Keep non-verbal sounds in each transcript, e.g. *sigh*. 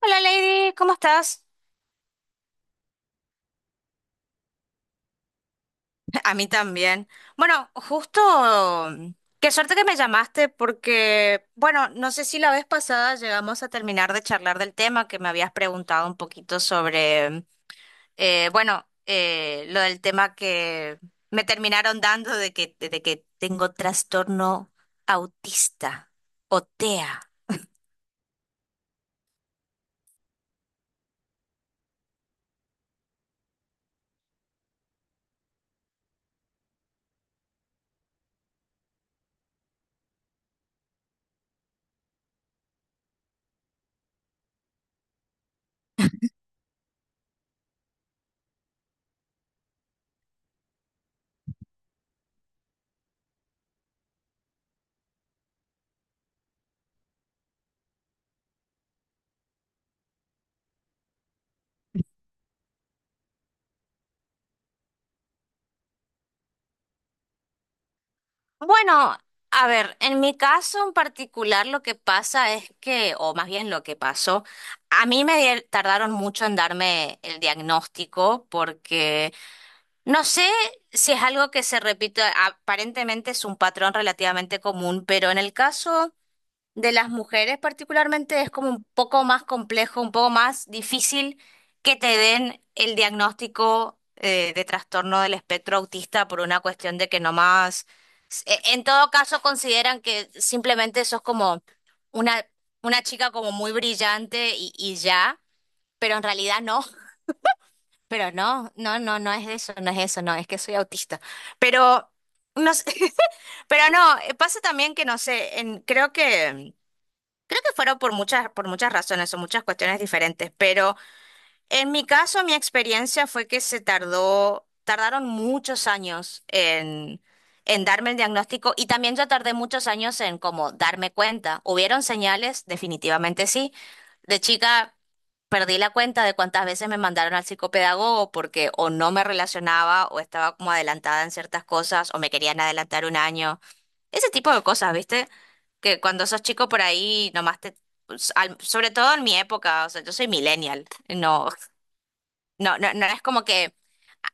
Hola, Lady, ¿cómo estás? *laughs* A mí también. Bueno, justo, mm, qué suerte que me llamaste porque, bueno, no sé si la vez pasada llegamos a terminar de charlar del tema que me habías preguntado un poquito sobre, bueno, lo del tema que me terminaron dando de que tengo trastorno autista o TEA. Bueno, a ver, en mi caso en particular lo que pasa es que, o más bien lo que pasó, a mí tardaron mucho en darme el diagnóstico porque no sé si es algo que se repite, aparentemente es un patrón relativamente común, pero en el caso de las mujeres particularmente es como un poco más complejo, un poco más difícil que te den el diagnóstico de trastorno del espectro autista por una cuestión de que nomás, en todo caso consideran que simplemente sos como una, una chica como muy brillante y ya, pero en realidad no. *laughs* Pero no, no, no, no es eso, no es eso, no, es que soy autista, pero... No sé. *laughs* Pero no, pasa también que no sé, creo que fueron por por muchas razones o muchas cuestiones diferentes, pero en mi caso, mi experiencia fue que tardaron muchos años en darme el diagnóstico, y también yo tardé muchos años en como darme cuenta. ¿Hubieron señales? Definitivamente sí. De chica, perdí la cuenta de cuántas veces me mandaron al psicopedagogo porque o no me relacionaba o estaba como adelantada en ciertas cosas o me querían adelantar un año. Ese tipo de cosas, ¿viste? Que cuando sos chico por ahí nomás te... sobre todo en mi época, o sea, yo soy millennial. No, no es como que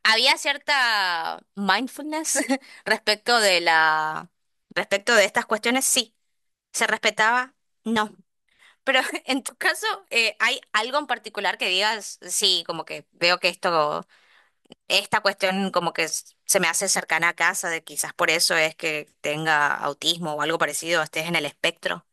había cierta mindfulness *laughs* respecto de la... respecto de estas cuestiones, sí. ¿Se respetaba? No. Pero *laughs* en tu caso, ¿hay algo en particular que digas, sí, como que veo que esta cuestión como que se me hace cercana a casa, de quizás por eso es que tenga autismo o algo parecido, estés en el espectro?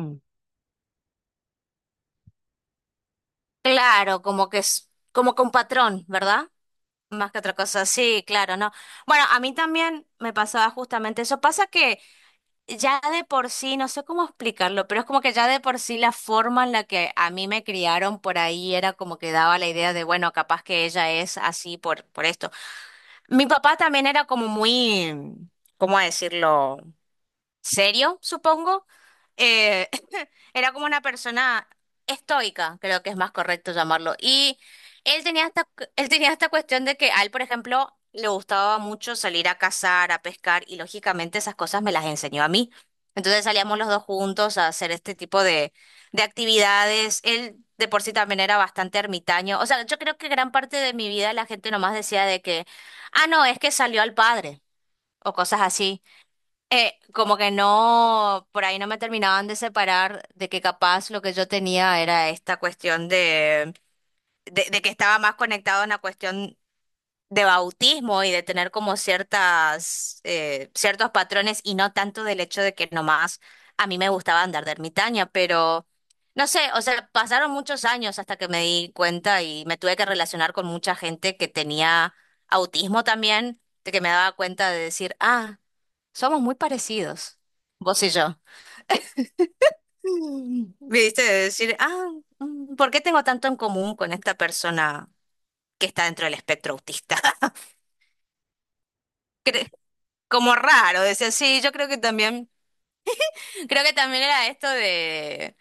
Mm. Claro, como que es como con patrón, ¿verdad? Más que otra cosa, sí, claro, no. Bueno, a mí también me pasaba justamente eso. Pasa que ya de por sí, no sé cómo explicarlo, pero es como que ya de por sí la forma en la que a mí me criaron por ahí era como que daba la idea de, bueno, capaz que ella es así por esto. Mi papá también era como muy, ¿cómo decirlo? Serio, supongo. Eh, *laughs* era como una persona estoica, creo que es más correcto llamarlo. Y él tenía *laughs* él tenía esta cuestión de que a él, por ejemplo, le gustaba mucho salir a cazar, a pescar, y lógicamente esas cosas me las enseñó a mí. Entonces salíamos los dos juntos a hacer este tipo de actividades. Él de por sí también era bastante ermitaño. O sea, yo creo que gran parte de mi vida la gente nomás decía de que, ah, no, es que salió al padre, o cosas así. Como que no, por ahí no me terminaban de separar de que capaz lo que yo tenía era esta cuestión de que estaba más conectado en la cuestión de bautismo y de tener como ciertos patrones y no tanto del hecho de que nomás a mí me gustaba andar de ermitaña, pero no sé, o sea, pasaron muchos años hasta que me di cuenta y me tuve que relacionar con mucha gente que tenía autismo también, de que me daba cuenta de decir, ah. Somos muy parecidos, vos y yo. Mm, ¿viste? De decir, ah, mm, ¿por qué tengo tanto en común con esta persona que está dentro del espectro autista? *laughs* Cre- Como raro, decía, sí, yo creo que también era esto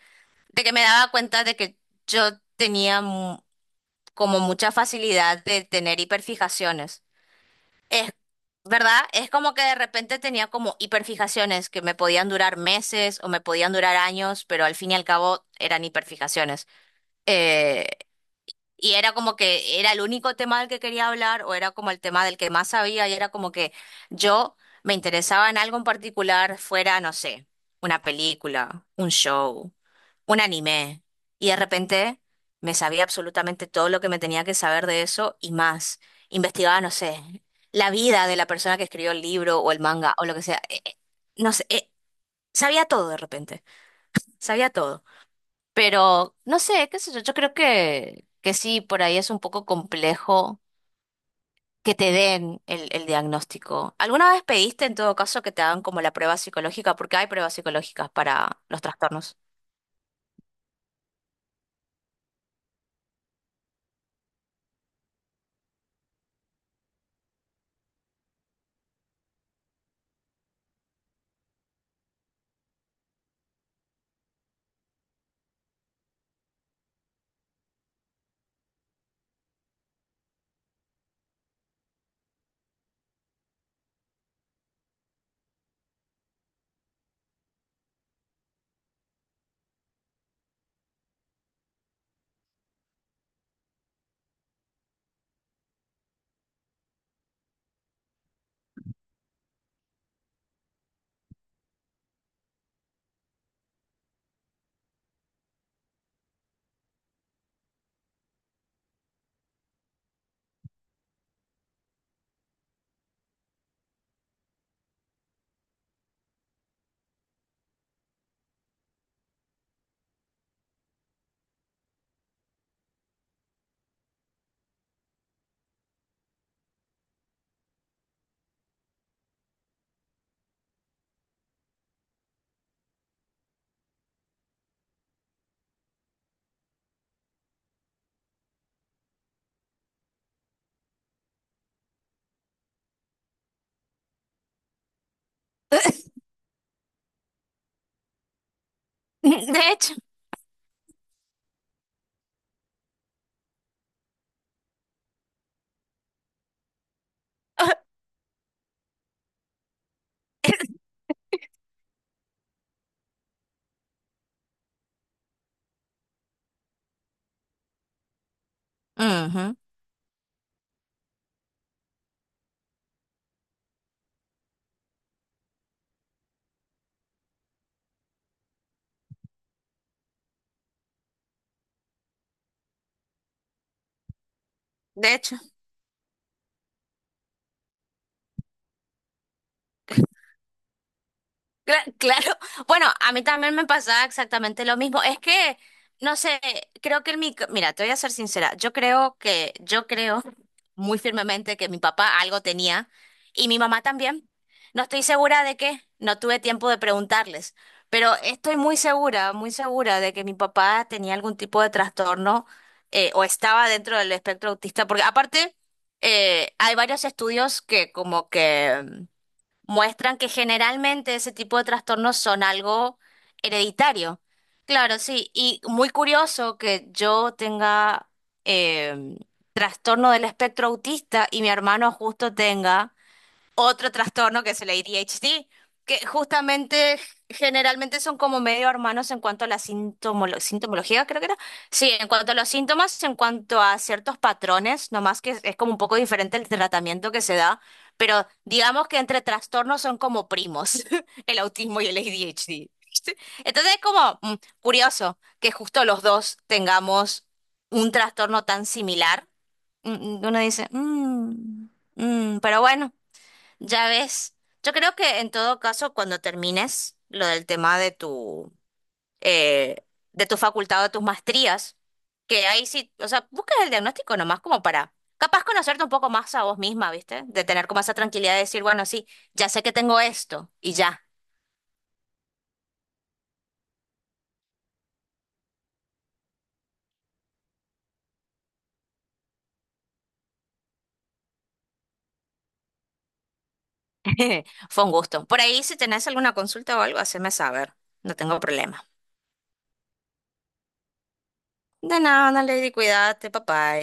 de que me daba cuenta de que yo como mucha facilidad de tener hiperfijaciones. Es ¿Verdad? Es como que de repente tenía como hiperfijaciones que me podían durar meses o me podían durar años, pero al fin y al cabo eran hiperfijaciones. Eh, y era como que era el único tema del que quería hablar o era como el tema del que más sabía y era como que yo me interesaba en algo en particular, fuera, no sé, una película, un show, un anime. Y de repente me sabía absolutamente todo lo que me tenía que saber de eso y más. Investigaba, no sé, la vida de la persona que escribió el libro o el manga o lo que sea. No sé, sabía todo de repente, sabía todo. Pero no sé, qué sé yo, yo creo que sí, por ahí es un poco complejo que te den el diagnóstico. ¿Alguna vez pediste en todo caso que te hagan como la prueba psicológica? Porque hay pruebas psicológicas para los trastornos. *laughs* De hecho. *laughs* Ujú. De hecho. Claro, *laughs* bueno, a mí también me pasaba exactamente lo mismo. Es que, no sé, creo que mira, te voy a ser sincera, yo creo yo creo *laughs* muy firmemente que mi papá algo tenía y mi mamá también. No estoy segura de qué, no tuve tiempo de preguntarles, pero estoy muy segura de que mi papá tenía algún tipo de trastorno, o estaba dentro del espectro autista, porque aparte hay varios estudios que como que muestran que generalmente ese tipo de trastornos son algo hereditario. Claro, sí, y muy curioso que yo tenga eh, trastorno del espectro autista y mi hermano justo tenga otro trastorno que es el ADHD, que justamente generalmente son como medio hermanos en cuanto a la sintomología, creo que era. Sí, en cuanto a los síntomas, en cuanto a ciertos patrones, nomás que es como un poco diferente el tratamiento que se da, pero digamos que entre trastornos son como primos, *laughs* el autismo y el ADHD. ¿Viste? Entonces es como curioso que justo los dos tengamos un trastorno tan similar. Mm, Uno dice, "Mm, mm", pero bueno. Ya ves, yo creo que en todo caso, cuando termines lo del tema eh, de tu facultad o de tus maestrías, que ahí sí, o sea, buscas el diagnóstico nomás como para, capaz conocerte un poco más a vos misma, ¿viste? De tener como esa tranquilidad de decir, bueno, sí, ya sé que tengo esto y ya. *laughs* Fue un gusto. Por ahí, si tenés alguna consulta o algo, haceme saber. No tengo problema. De nada, Lady, cuídate, papá.